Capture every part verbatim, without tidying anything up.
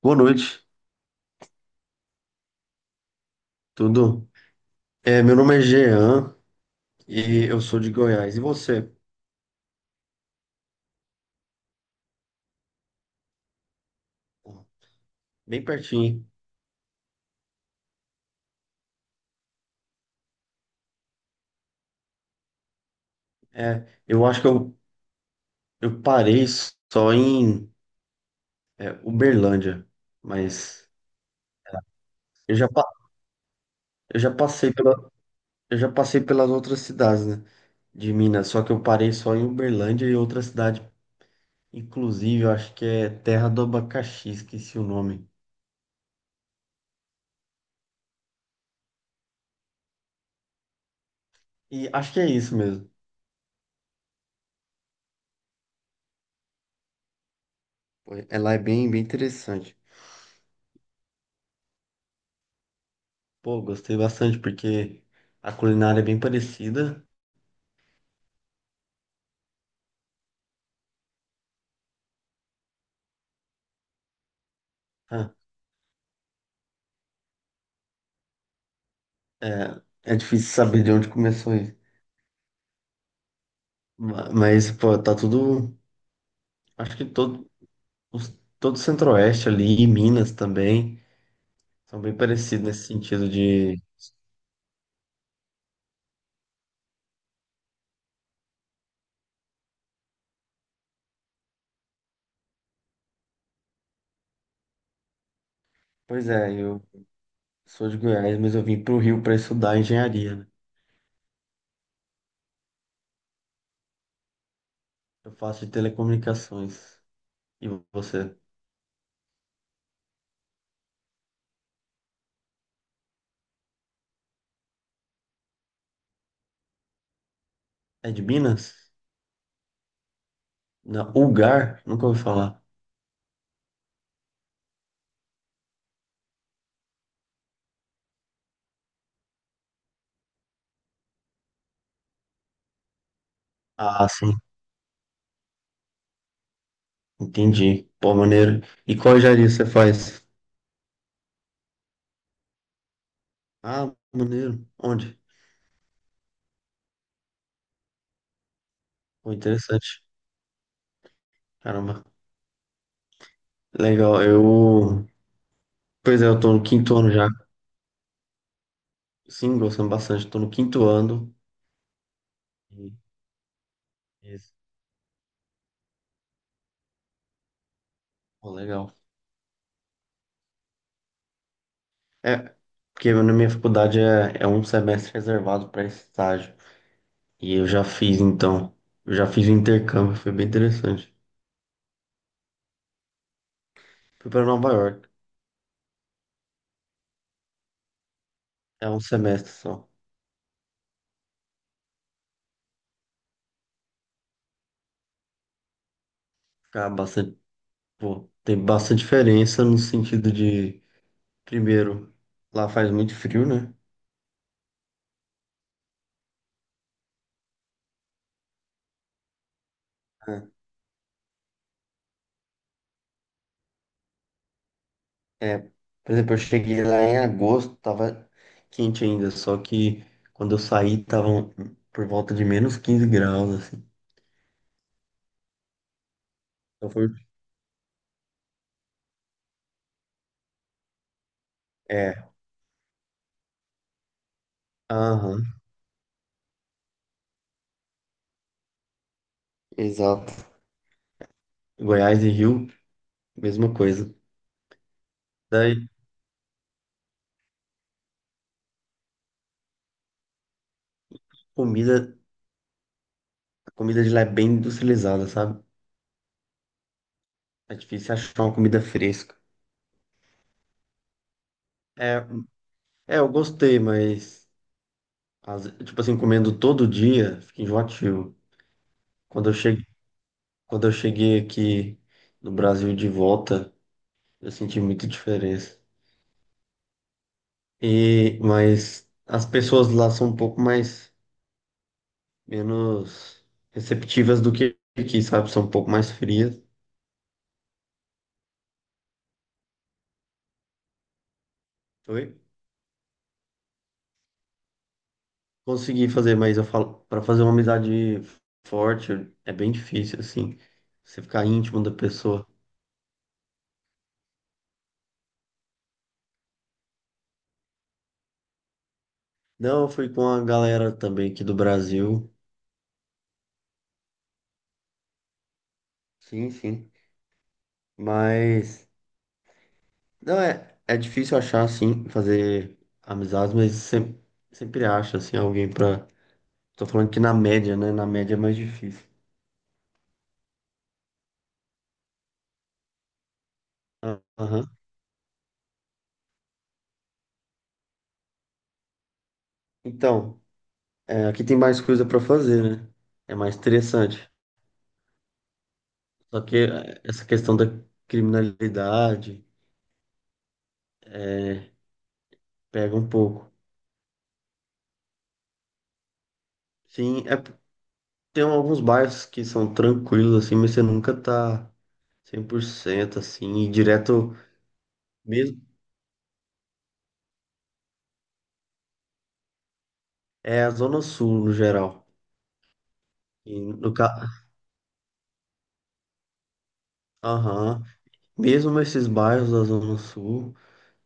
Boa noite, tudo? É, meu nome é Jean e eu sou de Goiás. E você? Bem pertinho. É, eu acho que eu, eu parei só em é, Uberlândia, mas eu já, pa- eu já passei pela, eu já passei pelas outras cidades, né, de Minas, só que eu parei só em Uberlândia e outra cidade, inclusive, eu acho que é Terra do Abacaxi, esqueci o nome. E acho que é isso mesmo. Ela é bem, bem interessante. Pô, gostei bastante porque a culinária é bem parecida. Ah, é, é difícil saber de onde começou isso. Ma- Mas, pô, tá tudo. Acho que todo, os- todo o Centro-Oeste ali, e Minas também, são bem parecidos nesse sentido de. Pois é, eu sou de Goiás, mas eu vim pro Rio para estudar engenharia, né? Eu faço de telecomunicações. E você? É de Minas? Na U L G A R? Nunca ouvi falar. Ah, sim, entendi. Pô, maneiro. E qual engenharia você faz? Ah, maneiro. Onde? Pô, interessante. Caramba. Legal. Eu. Pois é, eu tô no quinto ano já. Sim, gostando bastante. Tô no quinto ano. E- Isso. Pô, legal. É, porque na minha faculdade é, é um semestre reservado para esse estágio. E eu já fiz, então. Eu já fiz o intercâmbio, foi bem interessante. Fui para Nova York. É um semestre só. Ficar bastante. Pô, tem bastante diferença no sentido de. Primeiro, lá faz muito frio, né? É, por exemplo, eu cheguei lá em agosto, tava quente ainda, só que quando eu saí tava por volta de menos quinze graus, assim. Então foi, é, aham, exato. Goiás e Rio, mesma coisa. Daí, comida, a comida de lá é bem industrializada, sabe? É difícil achar uma comida fresca. É, é, eu gostei, mas, as- tipo assim, comendo todo dia, fica enjoativo. Quando eu cheguei, quando eu cheguei aqui no Brasil de volta, eu senti muita diferença. E, mas as pessoas lá são um pouco mais, menos receptivas do que aqui, sabe? São um pouco mais frias. Oi? Consegui fazer, mas eu falo, para fazer uma amizade forte é bem difícil, assim. Você ficar íntimo da pessoa. Não, eu fui com a galera também aqui do Brasil. Sim, sim. Mas, não, é, é difícil achar, assim, fazer amizades, mas sempre, sempre acha, assim, alguém pra. Tô falando que na média, né? Na média é mais difícil. Ah Aham. Então, é, aqui tem mais coisa para fazer, né? É mais interessante. Só que é, essa questão da criminalidade pega um pouco. Sim, é, tem alguns bairros que são tranquilos, assim, mas você nunca tá cem por cento assim, e direto mesmo. É a Zona Sul, no geral. E no ca... Aham. Mesmo esses bairros da Zona Sul,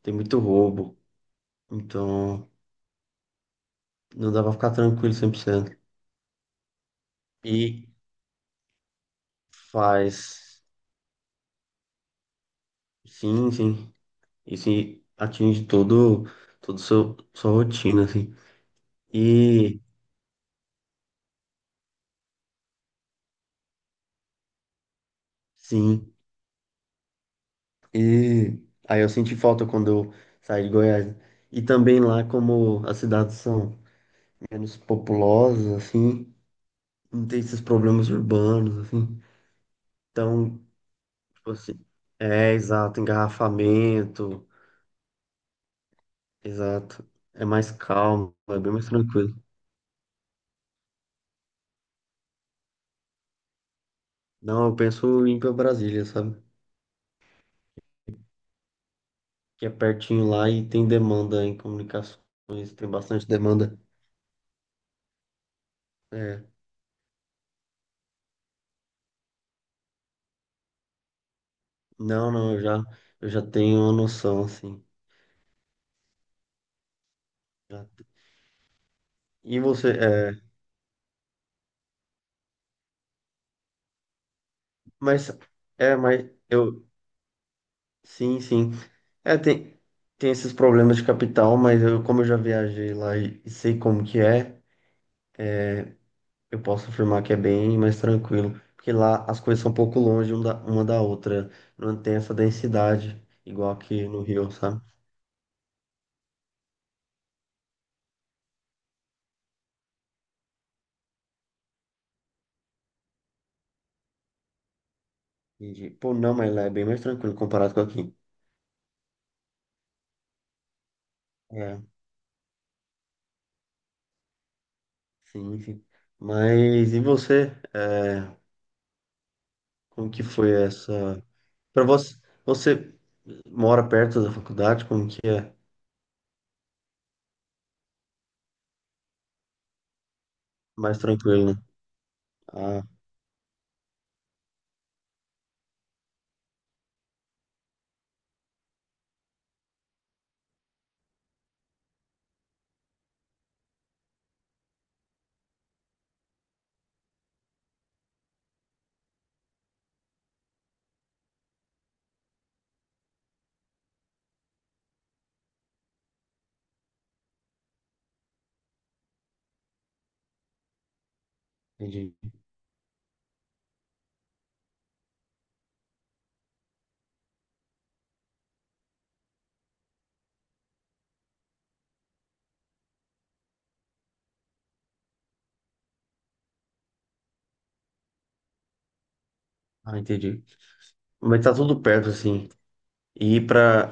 tem muito roubo. Então, não dá pra ficar tranquilo cem por cento E faz. Sim, sim. Isso atinge todo, todo seu, sua rotina, assim. E, sim, e aí eu senti falta quando eu saí de Goiás. E também lá, como as cidades são menos populosas, assim, não tem esses problemas urbanos, assim. Então, tipo assim, é, exato, engarrafamento, exato. É mais calmo, é bem mais tranquilo. Não, eu penso em ir pra Brasília, sabe? Que é pertinho lá e tem demanda em comunicações, tem bastante demanda. É. Não, não, eu já, eu já tenho uma noção, assim. Já- te- E você, é, mas, é, mas eu, sim, sim. É, tem, tem esses problemas de capital, mas eu, como eu já viajei lá e, e sei como que é, eu posso afirmar que é bem mais tranquilo. Porque lá as coisas são um pouco longe um da- uma da outra. Não tem essa densidade, igual aqui no Rio, sabe? Entendi. Pô, não, mas lá é bem mais tranquilo comparado com aqui. É, sim, sim. Mas e você? É, Como que foi essa? Para você, você mora perto da faculdade? Como que é? Mais tranquilo, né? Ah, entendi. Ah, entendi. Mas tá tudo perto, assim. E pra.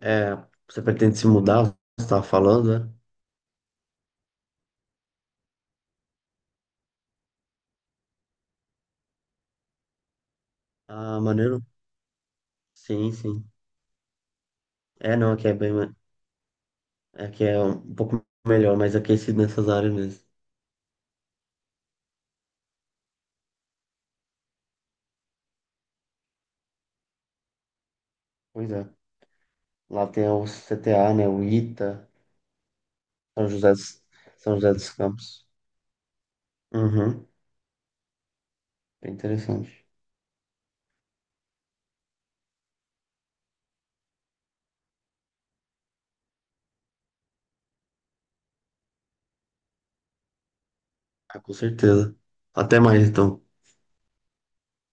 é, você pretende se mudar? Você tava falando, né? Ah, maneiro. Sim, sim. É, não, aqui é bem. Ma- Aqui é um pouco melhor, mais aquecido nessas áreas mesmo. Pois é. Lá tem o C T A, né? O ITA, São José dos, São José dos Campos. Uhum. Bem interessante. Ah, com certeza. Até mais, então.